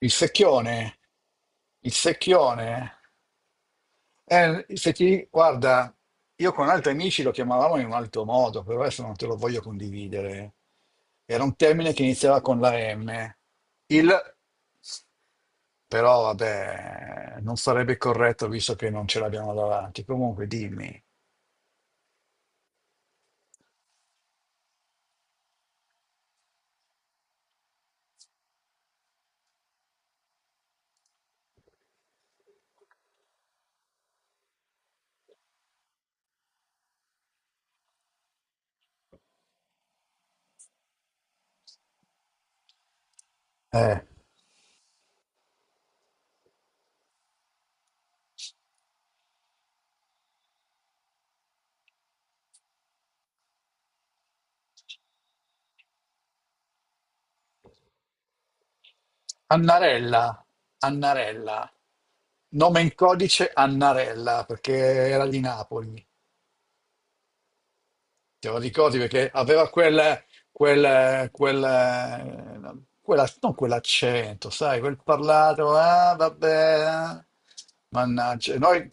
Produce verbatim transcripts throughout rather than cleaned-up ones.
Il secchione, il secchione, eh, se ti, guarda, io con altri amici lo chiamavamo in un altro modo, però adesso non te lo voglio condividere. Era un termine che iniziava con la M. Il, Però vabbè, non sarebbe corretto visto che non ce l'abbiamo davanti. Comunque dimmi. Eh, Annarella, Annarella, nome in codice Annarella, perché era di Napoli. Te lo ricordi perché aveva quel, quel, quel, quella, non quell'accento, sai, quel parlato, ah, vabbè, eh. Mannaggia, noi,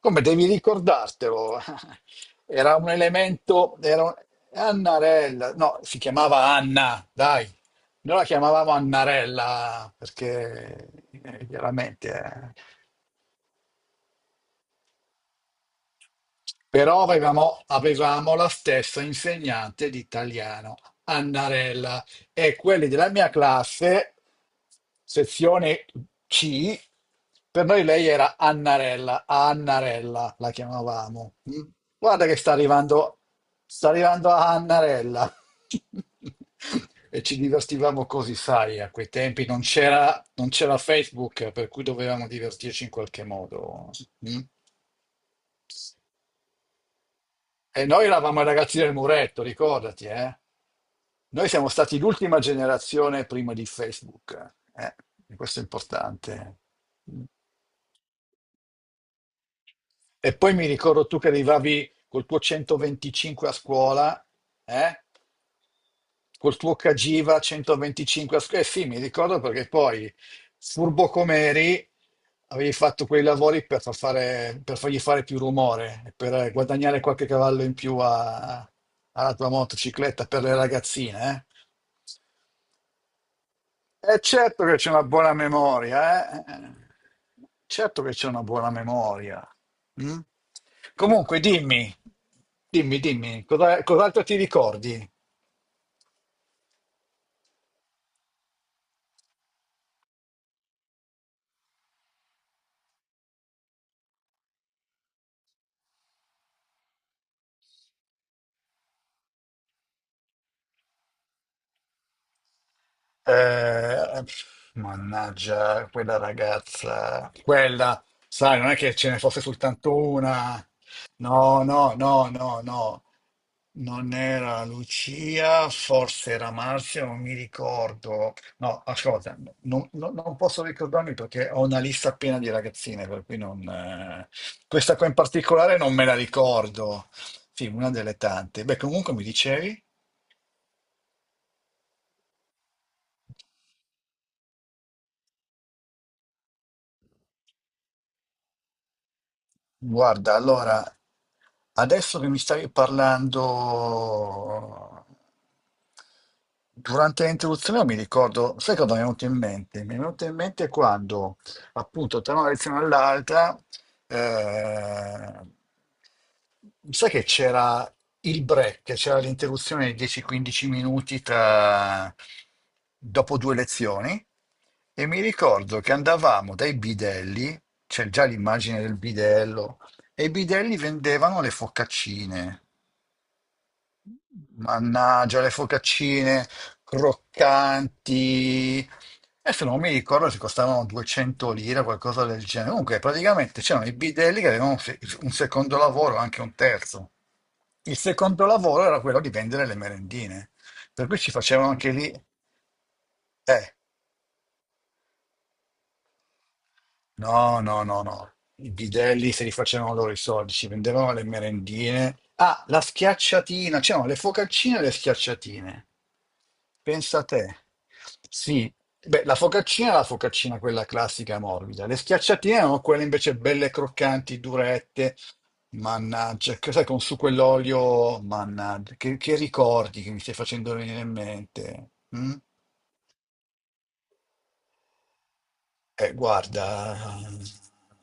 come devi ricordartelo. Era un elemento, era un- Annarella, no, si chiamava Anna, dai. Noi la chiamavamo Annarella perché eh, chiaramente eh, però avevamo, avevamo la stessa insegnante di italiano, Annarella, e quelli della mia classe, sezione C, per noi lei era Annarella, Annarella la chiamavamo. Mm. Guarda che sta arrivando, sta arrivando Annarella. E ci divertivamo così, sai, a quei tempi non c'era non c'era Facebook, per cui dovevamo divertirci in qualche modo. Mm. E noi eravamo i ragazzi del muretto, ricordati, eh? Noi siamo stati l'ultima generazione prima di Facebook, eh? E questo è importante. E poi mi ricordo tu che arrivavi col tuo centoventicinque a scuola, eh? Col tuo Cagiva centoventicinque a scuola. Eh sì, mi ricordo perché poi, furbo come eri, avevi fatto quei lavori per, far fare- per fargli fare più rumore, e per guadagnare qualche cavallo in più a- alla tua motocicletta per le ragazzine, eh? È certo che c'è una buona memoria, eh? Certo che c'è una buona memoria. Mm? Comunque, dimmi, dimmi, dimmi, cosa- cos'altro ti ricordi? Eh, mannaggia, quella ragazza, quella, sai, non è che ce ne fosse soltanto una. No, no, no, no, no. Non era Lucia, forse era Marzia, non mi ricordo. No, ascolta, non, non- non posso ricordarmi perché ho una lista piena di ragazzine, per cui non... eh, Questa qua in particolare non me la ricordo. Sì, una delle tante. Beh, comunque mi dicevi? Guarda, allora, adesso che mi stavi parlando, durante l'introduzione mi ricordo, sai cosa mi è venuto in mente? Mi è venuto in mente quando, appunto, tra una lezione all'altra, eh, Sai che c'era il break, c'era l'interruzione di dieci a quindici minuti tra... dopo due lezioni, e mi ricordo che andavamo dai bidelli, c'è già l'immagine del bidello, e i bidelli vendevano le focaccine. Mannaggia, le focaccine croccanti. Adesso non mi ricordo se costavano duecento lire o qualcosa del genere. Comunque, praticamente c'erano i bidelli che avevano un se- un secondo lavoro, anche un terzo. Il secondo lavoro era quello di vendere le merendine. Per cui ci facevano anche lì. Eh, No, no, no, no. I bidelli se li facevano loro i soldi, ci vendevano le merendine. Ah, la schiacciatina, c'erano le focaccine e le schiacciatine. Pensa a te. Sì, beh, la focaccina è la focaccina quella classica morbida. Le schiacciatine erano quelle invece belle croccanti, durette. Mannaggia, che sai, con su quell'olio, mannaggia, che, che ricordi che mi stai facendo venire in mente? Mm? Eh, guarda,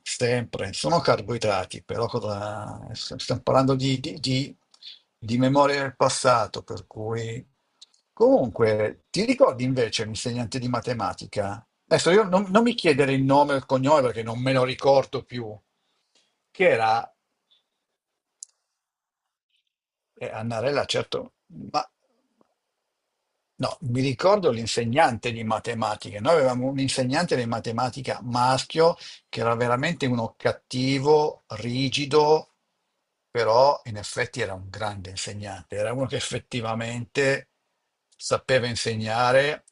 sempre, sono carboidrati, però cosa, st- stiamo parlando di, di, di- di memoria del passato, per cui... Comunque, ti ricordi invece l'insegnante di matematica? Adesso io non, non mi chiedere il nome o il cognome perché non me lo ricordo più, che era eh, Annarella, certo. No, mi ricordo l'insegnante di matematica. Noi avevamo un insegnante di matematica maschio che era veramente uno cattivo, rigido, però in effetti era un grande insegnante. Era uno che effettivamente sapeva insegnare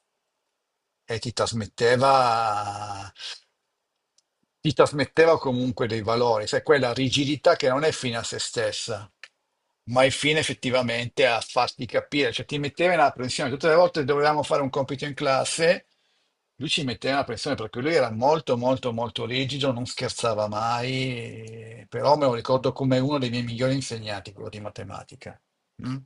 e ti trasmetteva, ti trasmetteva comunque dei valori, sai, quella rigidità che non è fine a se stessa ma il fine effettivamente è a farti capire, cioè ti metteva in apprensione. Tutte le volte che dovevamo fare un compito in classe, lui ci metteva in apprensione perché lui era molto, molto, molto rigido, non scherzava mai, eh, però me lo ricordo come uno dei miei migliori insegnanti, quello di matematica. Mm?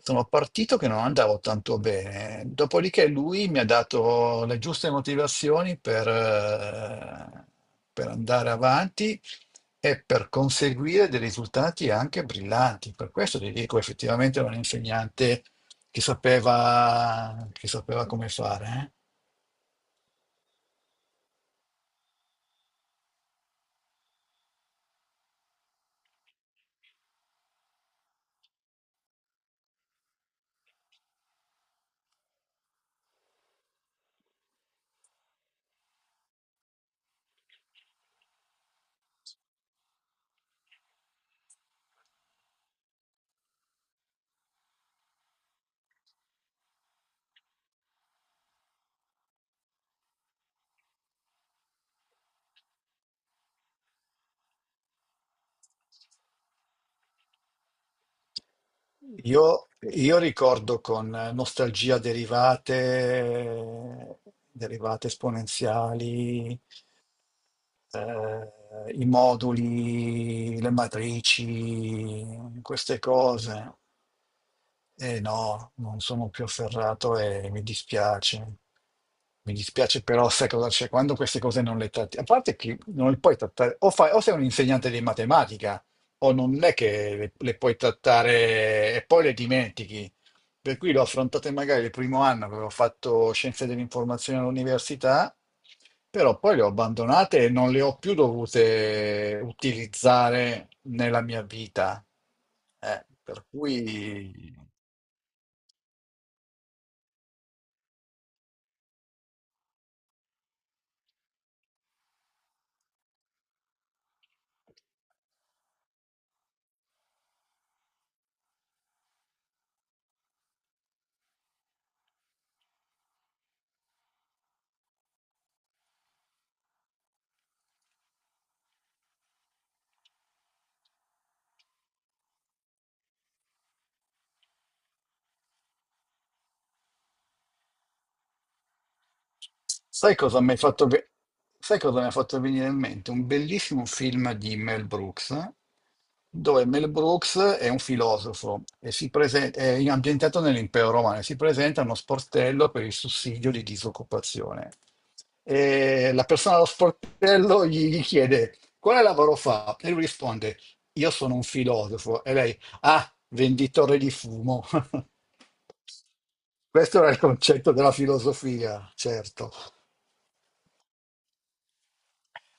Sono partito che non andavo tanto bene, dopodiché lui mi ha dato le giuste motivazioni per, eh, per andare avanti e per conseguire dei risultati anche brillanti. Per questo ti dico, effettivamente era un insegnante che sapeva, che sapeva come fare. eh. Io, io ricordo con nostalgia derivate, derivate esponenziali, eh, i moduli, le matrici, queste cose. Eh no, non sono più afferrato e mi dispiace. Mi dispiace però, sai cosa c'è? Quando queste cose non le tratti, a parte che non le puoi trattare, o, fai- o sei un insegnante di matematica, o non è che le, le puoi trattare e poi le dimentichi. Per cui l'ho affrontate magari il primo anno, avevo fatto scienze dell'informazione all'università, però poi le ho abbandonate e non le ho più dovute utilizzare nella mia vita. Eh, per cui... Sai cosa mi hai fatto ve- sai cosa mi ha fatto venire in mente? Un bellissimo film di Mel Brooks, dove Mel Brooks è un filosofo e si prese- è ambientato nell'impero romano e si presenta a uno sportello per il sussidio di disoccupazione. E la persona allo sportello gli, gli chiede quale lavoro fa. E lui risponde, io sono un filosofo. E lei, ah, venditore di fumo. Questo era il concetto della filosofia, certo.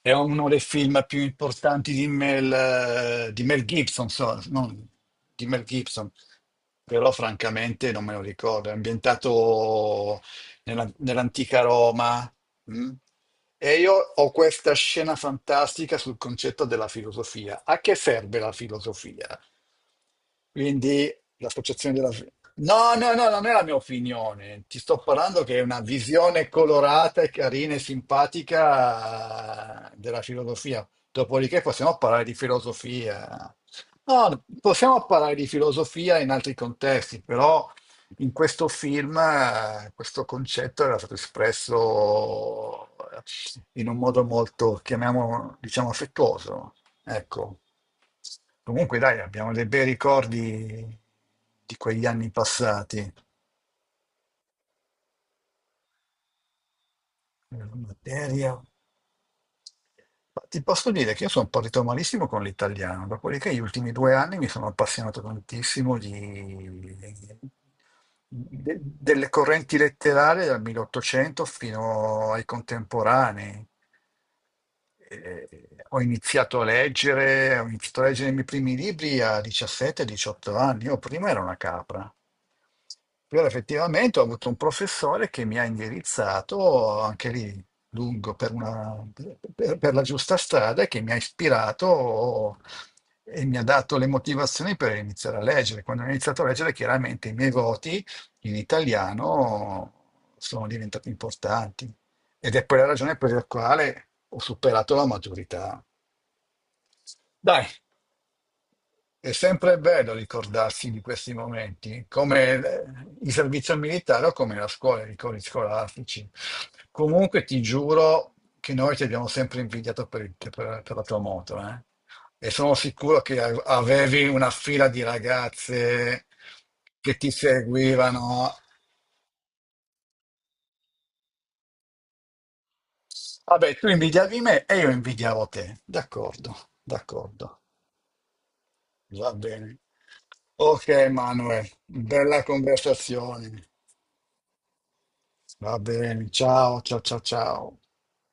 È uno dei film più importanti di Mel, eh, di Mel Gibson, so- non- di Mel Gibson, però francamente non me lo ricordo. È ambientato nella- nell'antica Roma. Mm? E io ho questa scena fantastica sul concetto della filosofia. A che serve la filosofia? Quindi l'associazione della, No, no, no, non è la mia opinione. Ti sto parlando che è una visione colorata e carina e simpatica eh, della filosofia. Dopodiché possiamo parlare di filosofia. No, possiamo parlare di filosofia in altri contesti, però in questo film eh, questo concetto era stato espresso eh, in un modo molto, chiamiamolo, diciamo, affettuoso. Ecco. Comunque, dai, abbiamo dei bei ricordi di quegli anni passati. Nella materia. Ma ti posso dire che io sono partito malissimo con l'italiano, dopodiché gli ultimi due anni mi sono appassionato tantissimo di, de- delle correnti letterarie dal milleottocento fino ai contemporanei. Eh, ho iniziato a leggere, ho iniziato a leggere i miei primi libri a diciassette o diciotto anni. Io prima ero una capra. Però effettivamente ho avuto un professore che mi ha indirizzato anche lì lungo per, una- per- per la giusta strada e che mi ha ispirato e mi ha dato le motivazioni per iniziare a leggere. Quando ho iniziato a leggere, chiaramente i miei voti in italiano sono diventati importanti. Ed è poi la ragione per la quale ho superato la maturità. Dai, è sempre bello ricordarsi di questi momenti, come il il servizio militare o come la scuola, i ricordi scolastici. Comunque ti giuro che noi ti abbiamo sempre invidiato per, il- per- per la tua moto, eh? E sono sicuro che a- avevi una fila di ragazze che ti seguivano. Vabbè, tu invidiavi me e io invidiavo te. D'accordo, d'accordo. Va bene. Ok, Manuel, bella conversazione. Va bene, ciao, ciao, ciao, ciao.